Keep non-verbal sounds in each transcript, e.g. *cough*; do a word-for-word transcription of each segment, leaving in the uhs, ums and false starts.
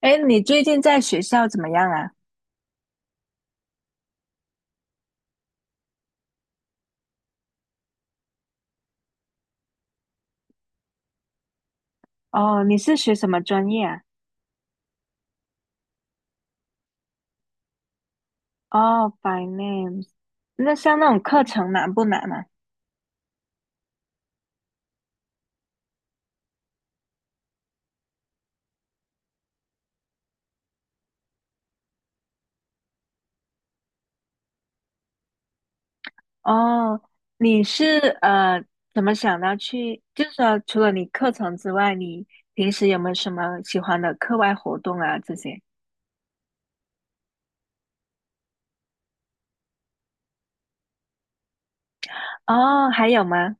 哎，你最近在学校怎么样啊？哦，你是学什么专业啊？哦，by n a m e 那像那种课程难不难啊？哦，你是呃怎么想到去？就是说，除了你课程之外，你平时有没有什么喜欢的课外活动啊？这些？哦，还有吗？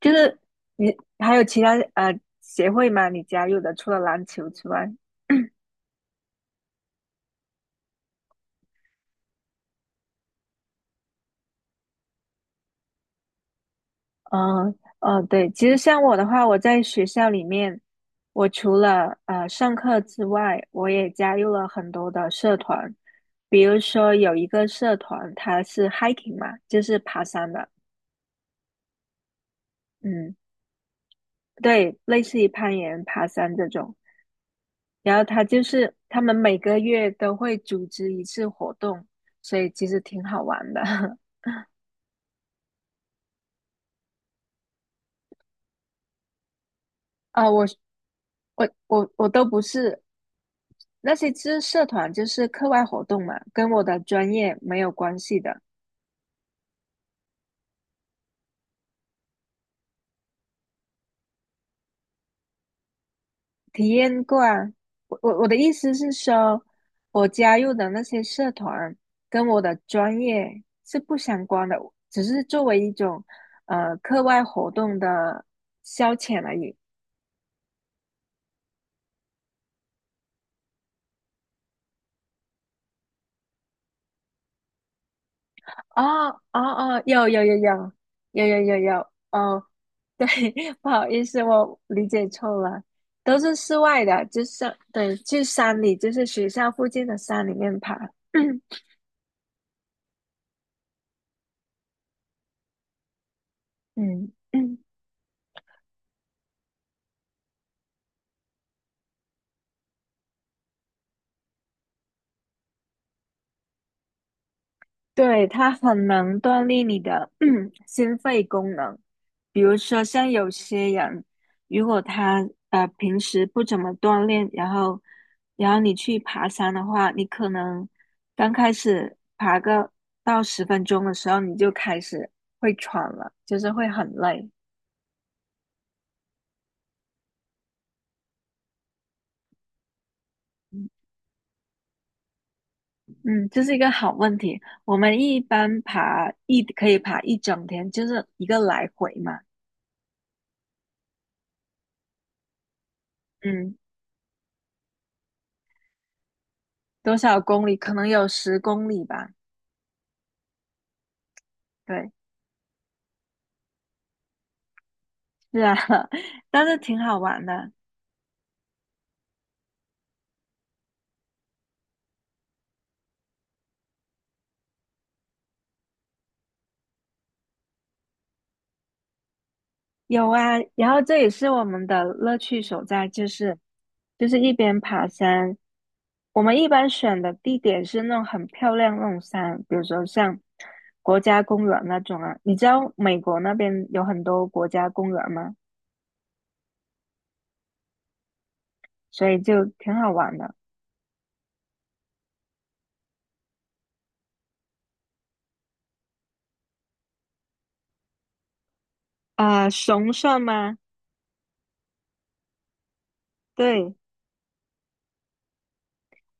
就是你还有其他呃协会吗？你加入的除了篮球之外？嗯，哦，对，其实像我的话，我在学校里面，我除了呃上课之外，我也加入了很多的社团，比如说有一个社团，它是 hiking 嘛，就是爬山的，嗯，对，类似于攀岩、爬山这种。然后它就是他们每个月都会组织一次活动，所以其实挺好玩的。*laughs* 啊、我我我我都不是那些知社团就是课外活动嘛，跟我的专业没有关系的。体验过啊，我我我的意思是说，我加入的那些社团跟我的专业是不相关的，只是作为一种呃课外活动的消遣而已。哦哦哦，有有有有有有有有哦，对，*laughs* 不好意思，我理解错了，都是室外的，就是对，去山里，就是学校附近的山里面爬。*clears throat* 嗯嗯，对，它很能锻炼你的 *clears throat* 心肺功能。比如说，像有些人，如果他呃平时不怎么锻炼，然后然后你去爬山的话，你可能刚开始爬个到十分钟的时候，你就开始会喘了，就是会很累。嗯，这是一个好问题。我们一般爬一可以爬一整天，就是一个来回嘛。嗯，多少公里？可能有十公里吧。对，是啊，*laughs* 但是挺好玩的。有啊，然后这也是我们的乐趣所在，就是就是一边爬山，我们一般选的地点是那种很漂亮那种山，比如说像国家公园那种啊。你知道美国那边有很多国家公园吗？所以就挺好玩的。啊，熊算吗？对，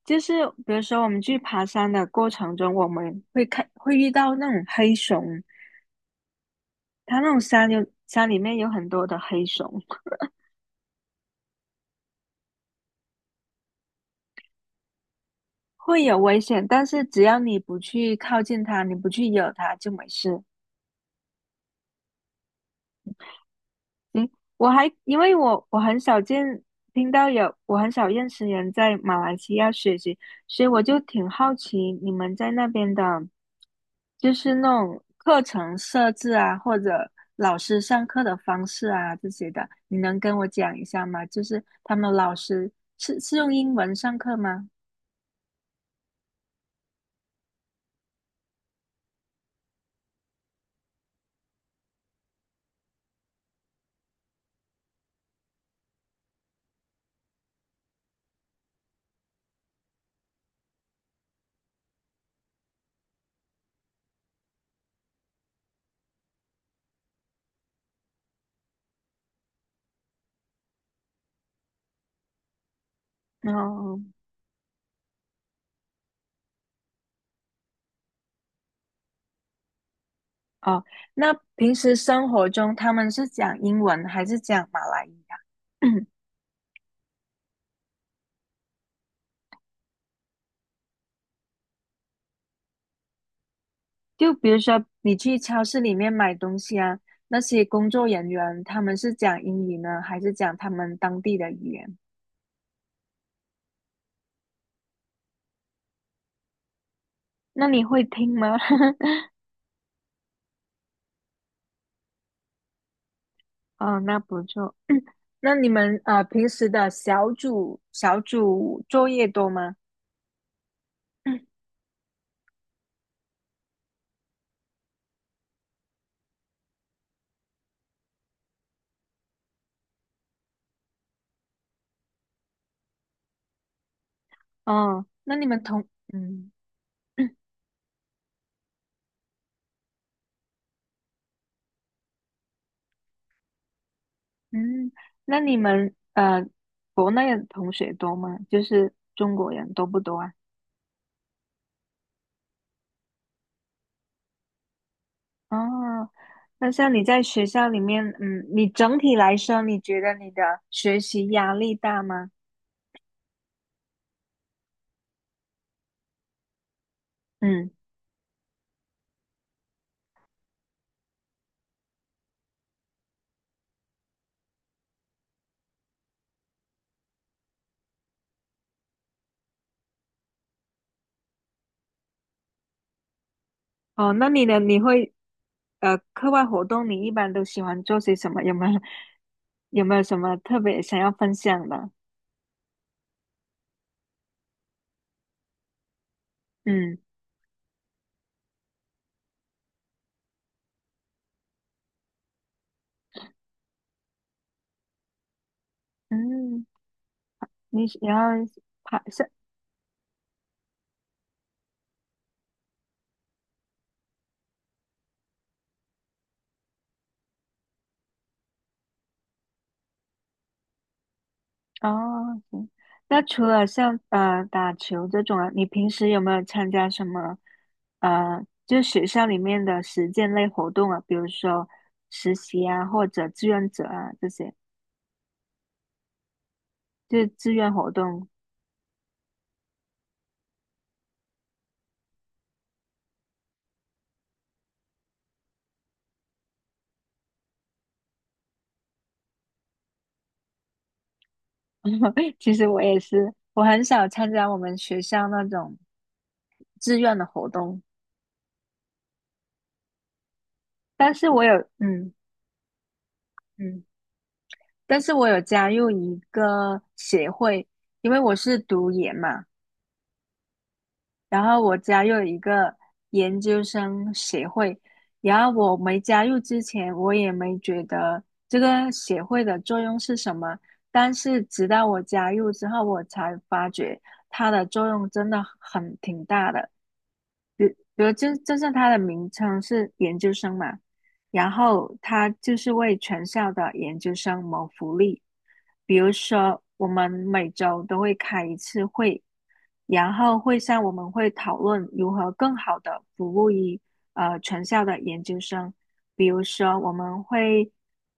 就是比如说我们去爬山的过程中，我们会看会遇到那种黑熊，它那种山有山里面有很多的黑熊，会有危险，但是只要你不去靠近它，你不去惹它就没事。行，我还因为我我很少见听到有我很少认识人在马来西亚学习，所以我就挺好奇你们在那边的，就是那种课程设置啊，或者老师上课的方式啊这些的，你能跟我讲一下吗？就是他们老师是是用英文上课吗？哦哦，那平时生活中他们是讲英文还是讲马来语啊？*clears throat* 就比如说你去超市里面买东西啊，那些工作人员他们是讲英语呢，还是讲他们当地的语言？那你会听吗？*laughs* 哦，那不错。那你们呃平时的小组小组作业多吗？哦，那你们同嗯嗯，那你们呃国内的同学多吗？就是中国人多不多啊？哦，那像你在学校里面，嗯，你整体来说，你觉得你的学习压力大吗？嗯，哦，那你呢？你会，呃，课外活动你一般都喜欢做些什么？有没有有没有什么特别想要分享的？嗯嗯，你喜然后爬哦，行。那除了像呃打球这种啊，你平时有没有参加什么呃，就学校里面的实践类活动啊，比如说实习啊，或者志愿者啊这些，就是志愿活动。*laughs* 其实我也是，我很少参加我们学校那种志愿的活动，但是我有嗯嗯，但是我有加入一个协会，因为我是读研嘛。然后我加入了一个研究生协会，然后我没加入之前，我也没觉得这个协会的作用是什么，但是直到我加入之后，我才发觉它的作用真的很挺大的。比如就就是他的名称是研究生嘛，然后他就是为全校的研究生谋福利。比如说，我们每周都会开一次会，然后会上我们会讨论如何更好的服务于呃全校的研究生。比如说，我们会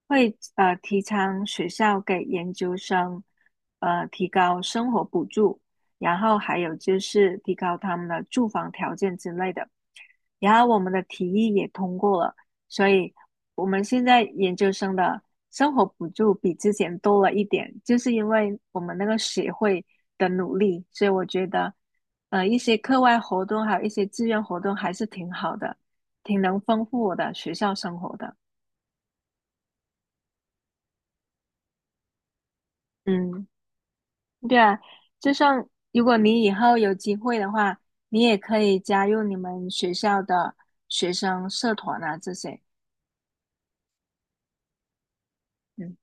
会呃提倡学校给研究生呃提高生活补助，然后还有就是提高他们的住房条件之类的。然后我们的提议也通过了，所以我们现在研究生的生活补助比之前多了一点，就是因为我们那个协会的努力，所以我觉得，呃，一些课外活动还有一些志愿活动还是挺好的，挺能丰富我的学校生活的。嗯，对啊，就像如果你以后有机会的话，你也可以加入你们学校的学生社团啊这些。嗯。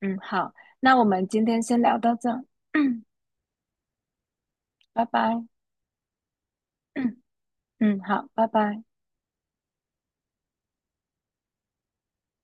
嗯，好，那我们今天先聊到这儿 *clears throat* 拜拜，*clears throat* 嗯，好，拜拜。